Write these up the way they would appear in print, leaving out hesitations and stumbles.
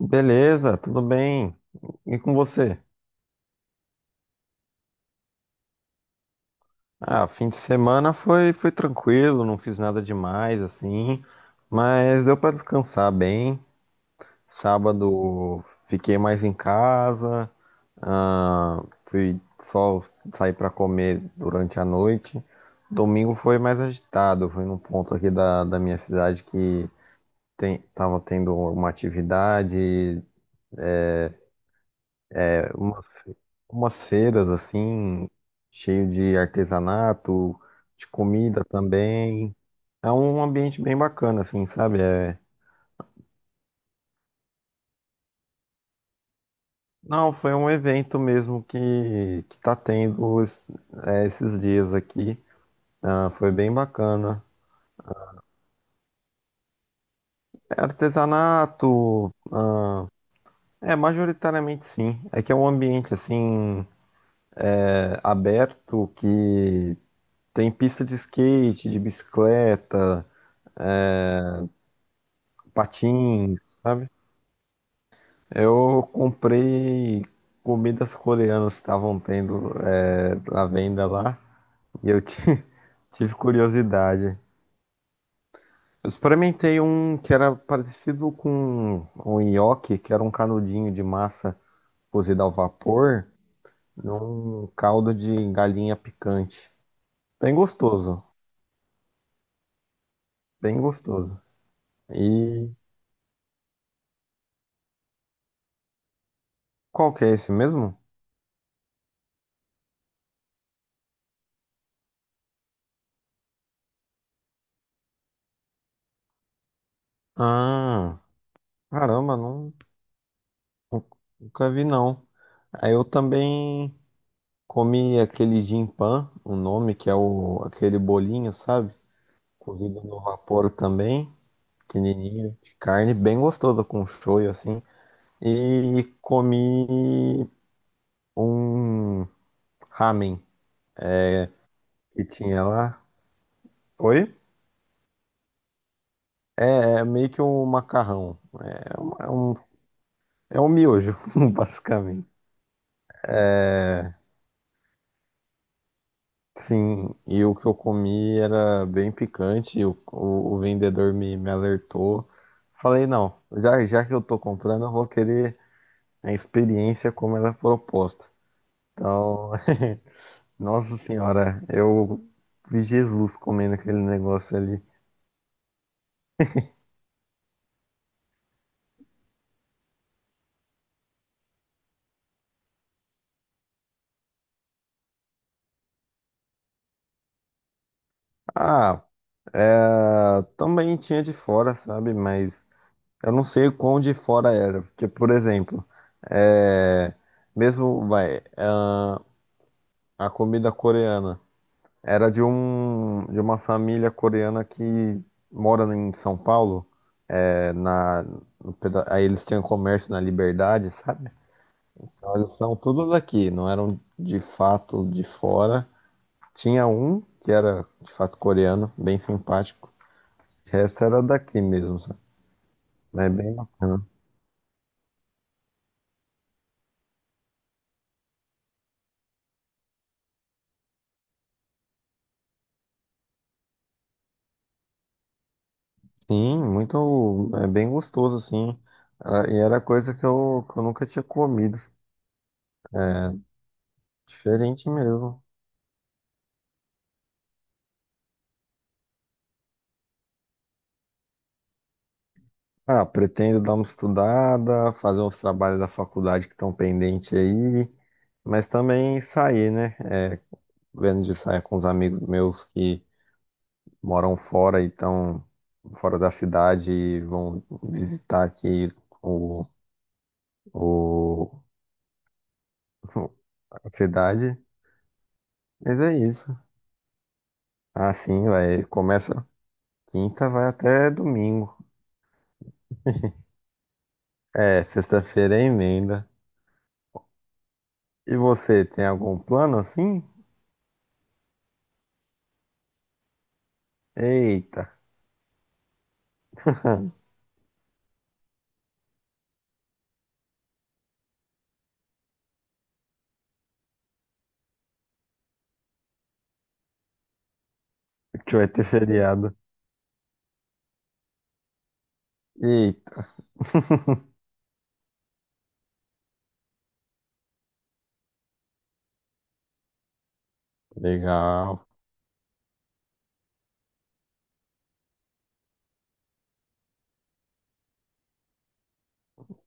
Beleza, tudo bem. E com você? Ah, fim de semana foi tranquilo, não fiz nada demais assim, mas deu para descansar bem. Sábado fiquei mais em casa, fui só sair para comer durante a noite. Domingo foi mais agitado, fui num ponto aqui da minha cidade que tem, tava tendo uma atividade, umas feiras assim, cheio de artesanato, de comida também. É um ambiente bem bacana, assim, sabe? Não, foi um evento mesmo que tá é, esses dias aqui. Ah, foi bem bacana. É artesanato, é majoritariamente sim. É que é um ambiente assim aberto que tem pista de skate, de bicicleta, patins, sabe? Eu comprei comidas coreanas que estavam tendo à venda lá e tive curiosidade. Eu experimentei um que era parecido com um nhoque, que era um canudinho de massa cozida ao vapor num caldo de galinha picante. Bem gostoso, bem gostoso. E qual que é esse mesmo? Ah, caramba, não, nu- nunca vi não. Aí eu também. Comi aquele gin pan, o nome que é aquele bolinho, sabe? Cozido no vapor também, pequenininho, de carne, bem gostoso com shoyu assim. E comi um ramen que tinha lá. Oi? É meio que um macarrão, é um miojo, basicamente. É. Sim, e o que eu comi era bem picante, e o vendedor me alertou. Falei, não, já que eu tô comprando, eu vou querer a experiência como ela é proposta. Então, nossa senhora, eu vi Jesus comendo aquele negócio ali. Ah, é, também tinha de fora, sabe? Mas eu não sei o quão de fora era. Porque, por exemplo, é, mesmo, vai, ah, a comida coreana. Era de um de uma família coreana que mora em São Paulo. é, na, no aí eles tinham comércio na Liberdade, sabe? Então eles são tudo daqui, não eram de fato de fora. Tinha um que era de fato coreano, bem simpático. O resto era daqui mesmo, sabe? É bem bacana. Sim, muito, é bem gostoso, assim. E era coisa que eu nunca tinha comido. Diferente mesmo. Ah, pretendo dar uma estudada, fazer uns trabalhos da faculdade que estão pendentes aí, mas também sair, né? É, vendo de sair com os amigos meus que moram fora e estão fora da cidade e vão visitar aqui o, o, a cidade. Mas é isso. Ah, sim, vai. Começa quinta, vai até domingo. É, sexta-feira é emenda. E você, tem algum plano assim? Eita, que vai ter feriado. Eita. Legal.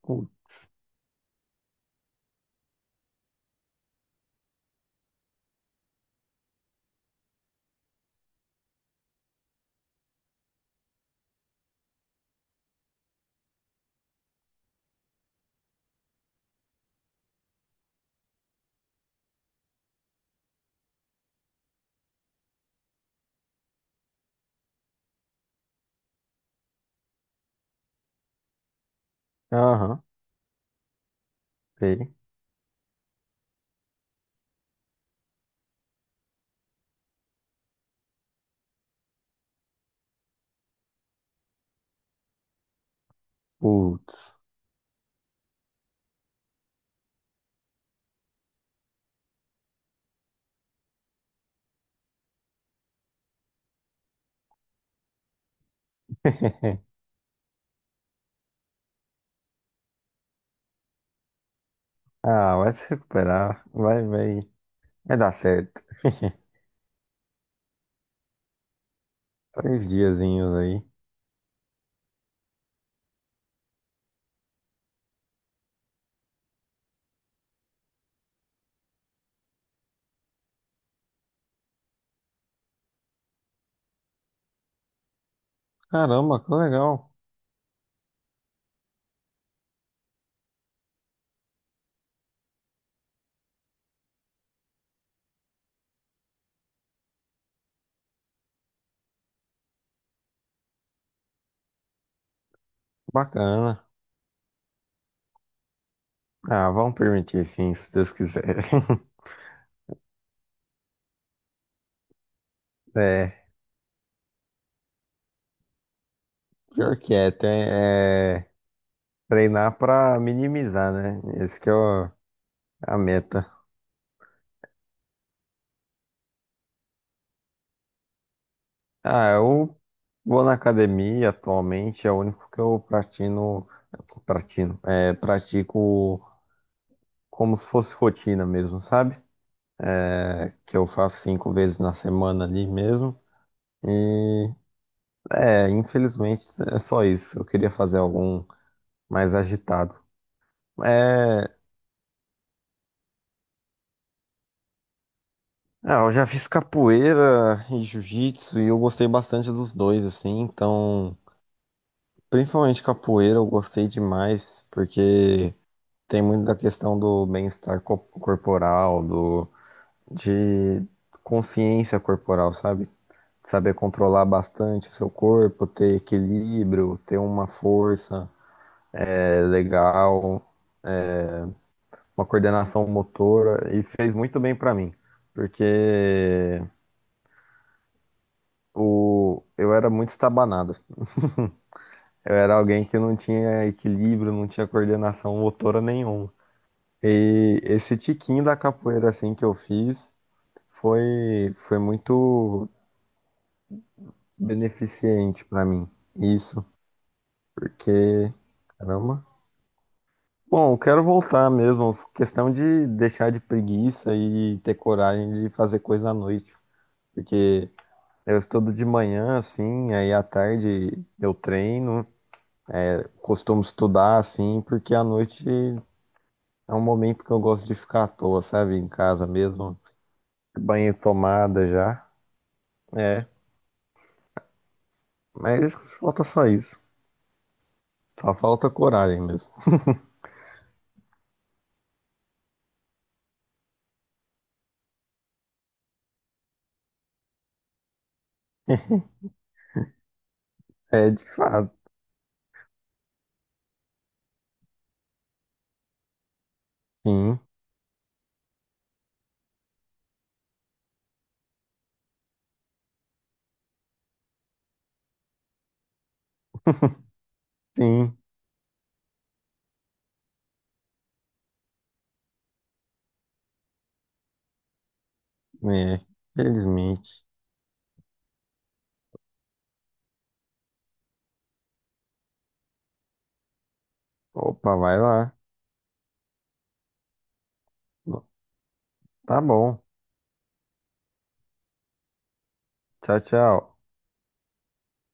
Putz. Aham, sei. Putz. Ah, vai se recuperar. Vai, vai. Vai dar certo. Três diazinhos aí. Caramba, que legal. Bacana. Ah, vamos permitir sim, se Deus quiser. É, pior que é, é treinar pra minimizar, né? Esse que é a meta. Ah, eu vou na academia atualmente, é o único que eu pratico como se fosse rotina mesmo, sabe? É, que eu faço 5 vezes na semana ali mesmo. E É, infelizmente é só isso. Eu queria fazer algum mais agitado. É, ah, eu já fiz capoeira e jiu-jitsu e eu gostei bastante dos dois, assim, então, principalmente capoeira eu gostei demais, porque. Tem muito da questão do corporal, de consciência corporal, sabe? Saber controlar bastante o seu corpo, ter equilíbrio, ter uma força legal, uma coordenação motora, e fez muito bem pra mim, porque eu era muito estabanado assim. Eu era alguém que não tinha equilíbrio, não tinha coordenação motora nenhuma. E esse tiquinho da capoeira assim que eu fiz foi muito beneficente pra mim, isso, porque, caramba. Bom, eu quero voltar mesmo, questão de deixar de preguiça e ter coragem de fazer coisa à noite, porque eu estudo de manhã, assim, aí à tarde eu treino, eu costumo estudar, assim, porque à noite é um momento que eu gosto de ficar à toa, sabe, em casa mesmo, banho e tomada já, é, mas falta só isso, só falta coragem mesmo. É de fato. Sim, sim. É, felizmente. Opa, vai lá. Tá bom. Tchau, tchau.